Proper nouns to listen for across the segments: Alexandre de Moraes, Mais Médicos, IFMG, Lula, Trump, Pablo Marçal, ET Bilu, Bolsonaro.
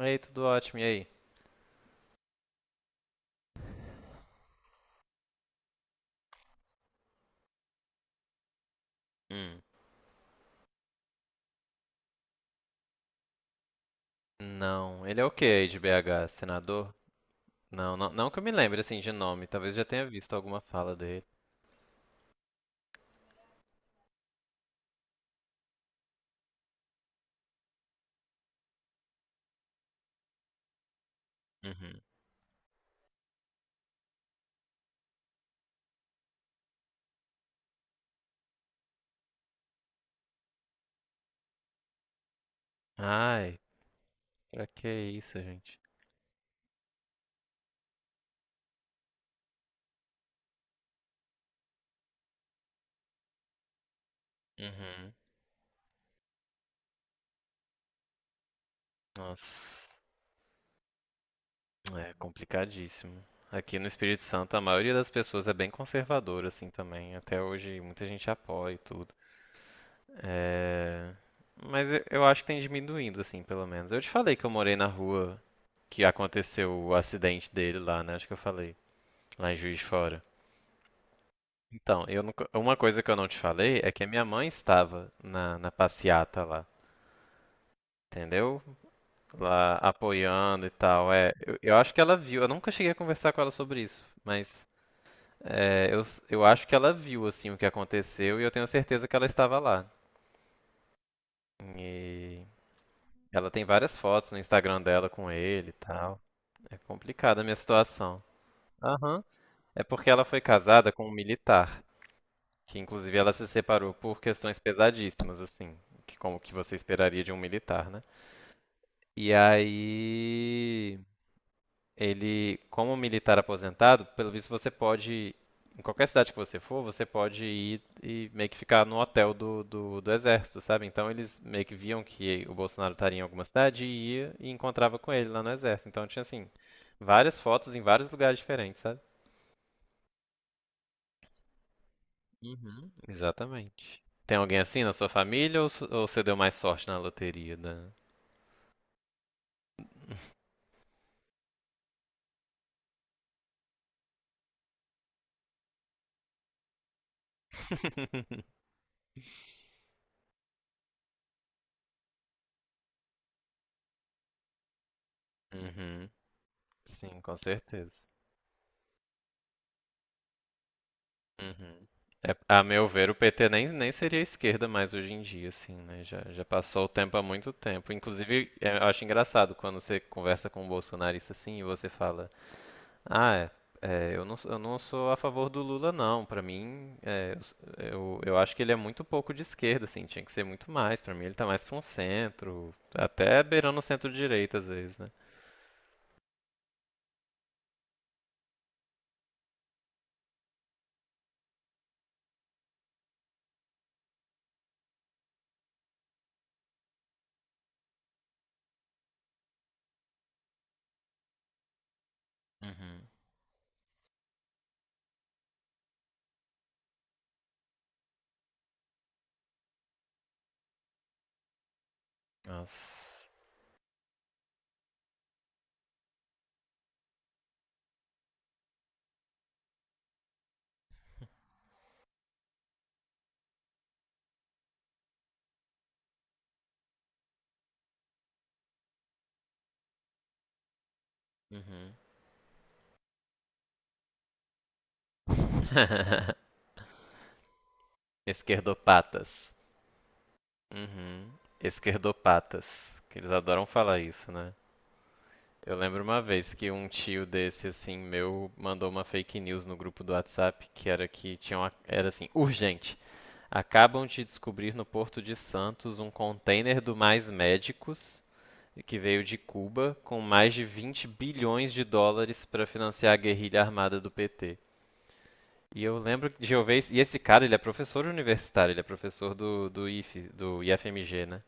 Ei, tudo ótimo, e aí? Hum. Não, ele é o quê aí de BH? Senador? Não, não, não que eu me lembre assim de nome, talvez já tenha visto alguma fala dele. Uhum. Ai, pra que isso, gente? Uhum. Nossa. É complicadíssimo. Aqui no Espírito Santo a maioria das pessoas é bem conservadora assim também. Até hoje muita gente apoia e tudo. É. Mas eu acho que tem diminuindo assim, pelo menos. Eu te falei que eu morei na rua que aconteceu o acidente dele lá, né? Acho que eu falei. Lá em Juiz de Fora. Então, eu nunca- uma coisa que eu não te falei é que a minha mãe estava na passeata lá, entendeu? Lá apoiando e tal. Eu acho que ela viu. Eu nunca cheguei a conversar com ela sobre isso, mas eu acho que ela viu assim o que aconteceu e eu tenho certeza que ela estava lá. E ela tem várias fotos no Instagram dela com ele e tal. É complicada a minha situação. Aham. É porque ela foi casada com um militar. Que inclusive ela se separou por questões pesadíssimas, assim, que como que você esperaria de um militar, né? E aí ele, como militar aposentado, pelo visto você pode, em qualquer cidade que você for, você pode ir e meio que ficar no hotel do exército, sabe? Então eles meio que viam que o Bolsonaro estaria em alguma cidade e ia e encontrava com ele lá no exército. Então tinha assim, várias fotos em vários lugares diferentes, sabe? Uhum, exatamente. Tem alguém assim na sua família ou você deu mais sorte na loteria da... Uhum, sim, com certeza. Uhum. É, a meu ver, o PT nem seria esquerda mais hoje em dia, assim, né? Já passou o tempo há muito tempo. Inclusive, eu acho engraçado quando você conversa com um bolsonarista assim e você fala. Ah, é. É, eu não sou a favor do Lula, não. Pra mim, eu acho que ele é muito pouco de esquerda, assim. Tinha que ser muito mais. Pra mim, ele tá mais pra um centro, até beirando o centro-direita às vezes, né? Uhum. Nossa. Uhum. Esquerdopatas. Uhum. Esquerdopatas. Que eles adoram falar isso, né? Eu lembro uma vez que um tio desse, assim, meu, mandou uma fake news no grupo do WhatsApp que era que tinha uma, era assim, urgente. Acabam de descobrir no Porto de Santos um container do Mais Médicos, que veio de Cuba, com mais de 20 bilhões de dólares para financiar a guerrilha armada do PT. E eu lembro de eu ver. E esse cara, ele é professor universitário, ele é professor do IF, do IFMG, né?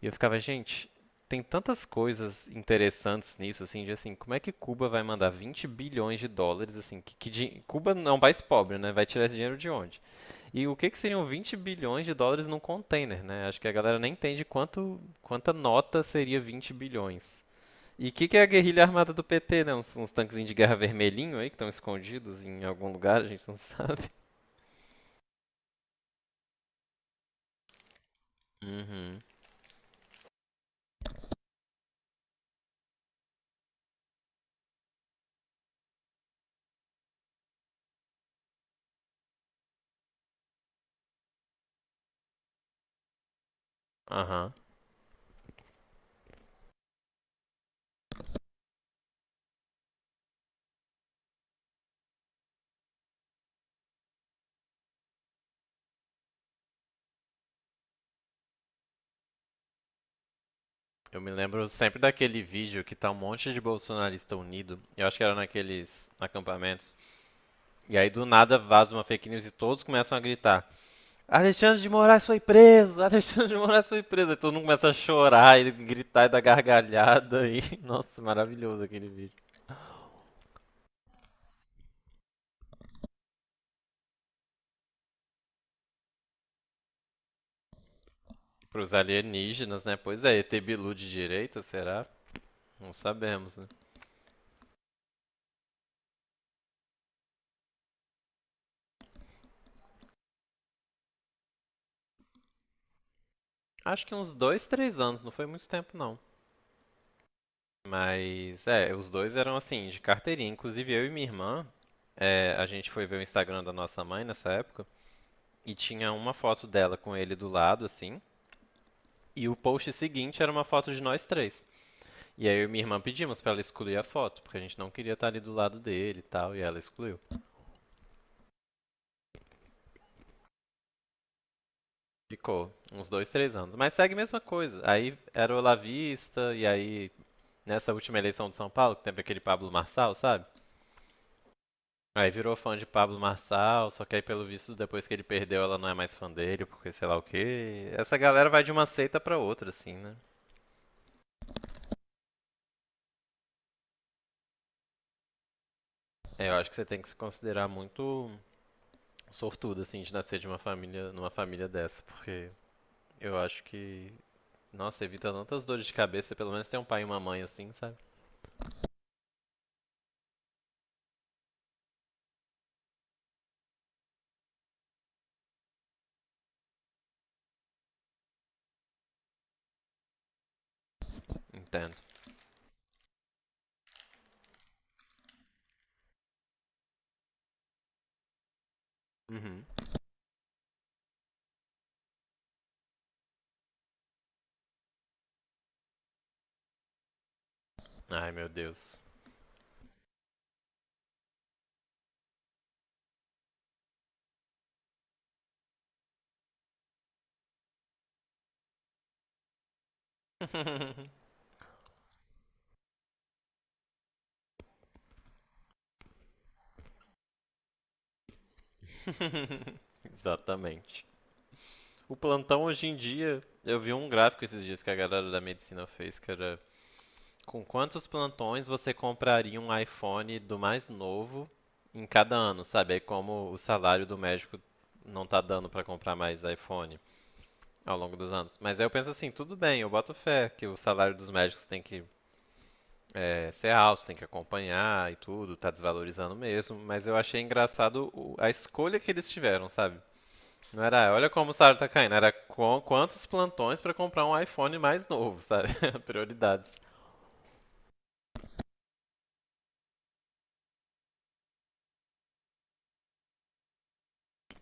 E eu ficava, gente, tem tantas coisas interessantes nisso, assim, de assim, como é que Cuba vai mandar 20 bilhões de dólares, assim, Cuba não é um país pobre, né? Vai tirar esse dinheiro de onde? E o que que seriam 20 bilhões de dólares num container, né? Acho que a galera nem entende quanto, quanta nota seria 20 bilhões. E o que que é a guerrilha armada do PT, né? Uns tanquezinhos de guerra vermelhinho aí que estão escondidos em algum lugar, a gente não sabe. Uhum. Aham. Eu me lembro sempre daquele vídeo que tá um monte de bolsonarista unido. Eu acho que era naqueles acampamentos. E aí do nada vaza uma fake news e todos começam a gritar: Alexandre de Moraes foi preso! Alexandre de Moraes foi preso! Aí todo mundo começa a chorar e gritar e dar gargalhada. Nossa, maravilhoso aquele vídeo. Pros alienígenas, né? Pois é, ET Bilu de direita, será? Não sabemos, né? Acho que uns dois, três anos, não foi muito tempo não. Mas os dois eram assim, de carteirinha. Inclusive eu e minha irmã, a gente foi ver o Instagram da nossa mãe nessa época e tinha uma foto dela com ele do lado, assim, e o post seguinte era uma foto de nós três. E aí eu e minha irmã pedimos pra ela excluir a foto, porque a gente não queria estar ali do lado dele e tal, e ela excluiu. Ficou uns dois, três anos. Mas segue a mesma coisa. Aí era o Olavista, e aí nessa última eleição de São Paulo, que teve aquele Pablo Marçal, sabe? Aí virou fã de Pablo Marçal, só que aí pelo visto depois que ele perdeu ela não é mais fã dele, porque sei lá o quê. Essa galera vai de uma seita pra outra, assim, né? É, eu acho que você tem que se considerar muito sortudo, assim, de nascer de uma família, numa família dessa, porque eu acho que, nossa, evita tantas dores de cabeça, pelo menos tem um pai e uma mãe assim, sabe? Entendo. Uhum. Ai, meu Deus. Exatamente. O plantão hoje em dia, eu vi um gráfico esses dias que a galera da medicina fez, que era com quantos plantões você compraria um iPhone do mais novo em cada ano, sabe? Aí como o salário do médico não tá dando pra comprar mais iPhone ao longo dos anos. Mas aí eu penso assim, tudo bem, eu boto fé que o salário dos médicos tem que ser alto, tem que acompanhar e tudo, tá desvalorizando mesmo, mas eu achei engraçado a escolha que eles tiveram, sabe? Não era, olha como o salário tá caindo, era quantos plantões pra comprar um iPhone mais novo, sabe? Prioridades.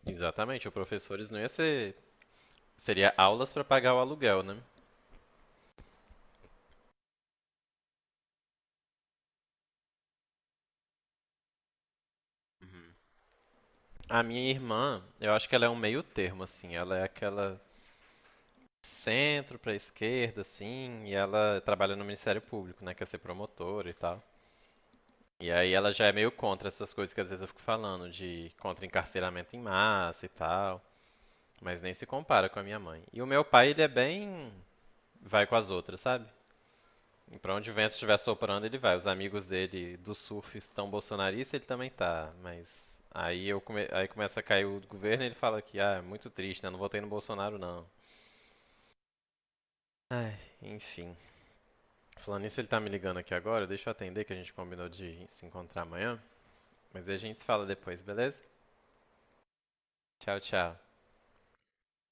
Exatamente, o professores não ia ser. Seria aulas pra pagar o aluguel, né? Uhum. A minha irmã, eu acho que ela é um meio termo, assim. Ela é aquela centro pra esquerda, assim, e ela trabalha no Ministério Público, né? Quer ser promotora e tal. E aí ela já é meio contra essas coisas que às vezes eu fico falando, de contra encarceramento em massa e tal. Mas nem se compara com a minha mãe. E o meu pai, ele é bem, vai com as outras, sabe? E pra onde o vento estiver soprando, ele vai. Os amigos dele do surf estão bolsonaristas, ele também tá, mas aí aí começa a cair o governo e ele fala que ah, é muito triste, né? Não votei no Bolsonaro não. Ai, enfim. Falando nisso, ele tá me ligando aqui agora, deixa eu atender que a gente combinou de se encontrar amanhã, mas aí a gente se fala depois, beleza? Tchau, tchau.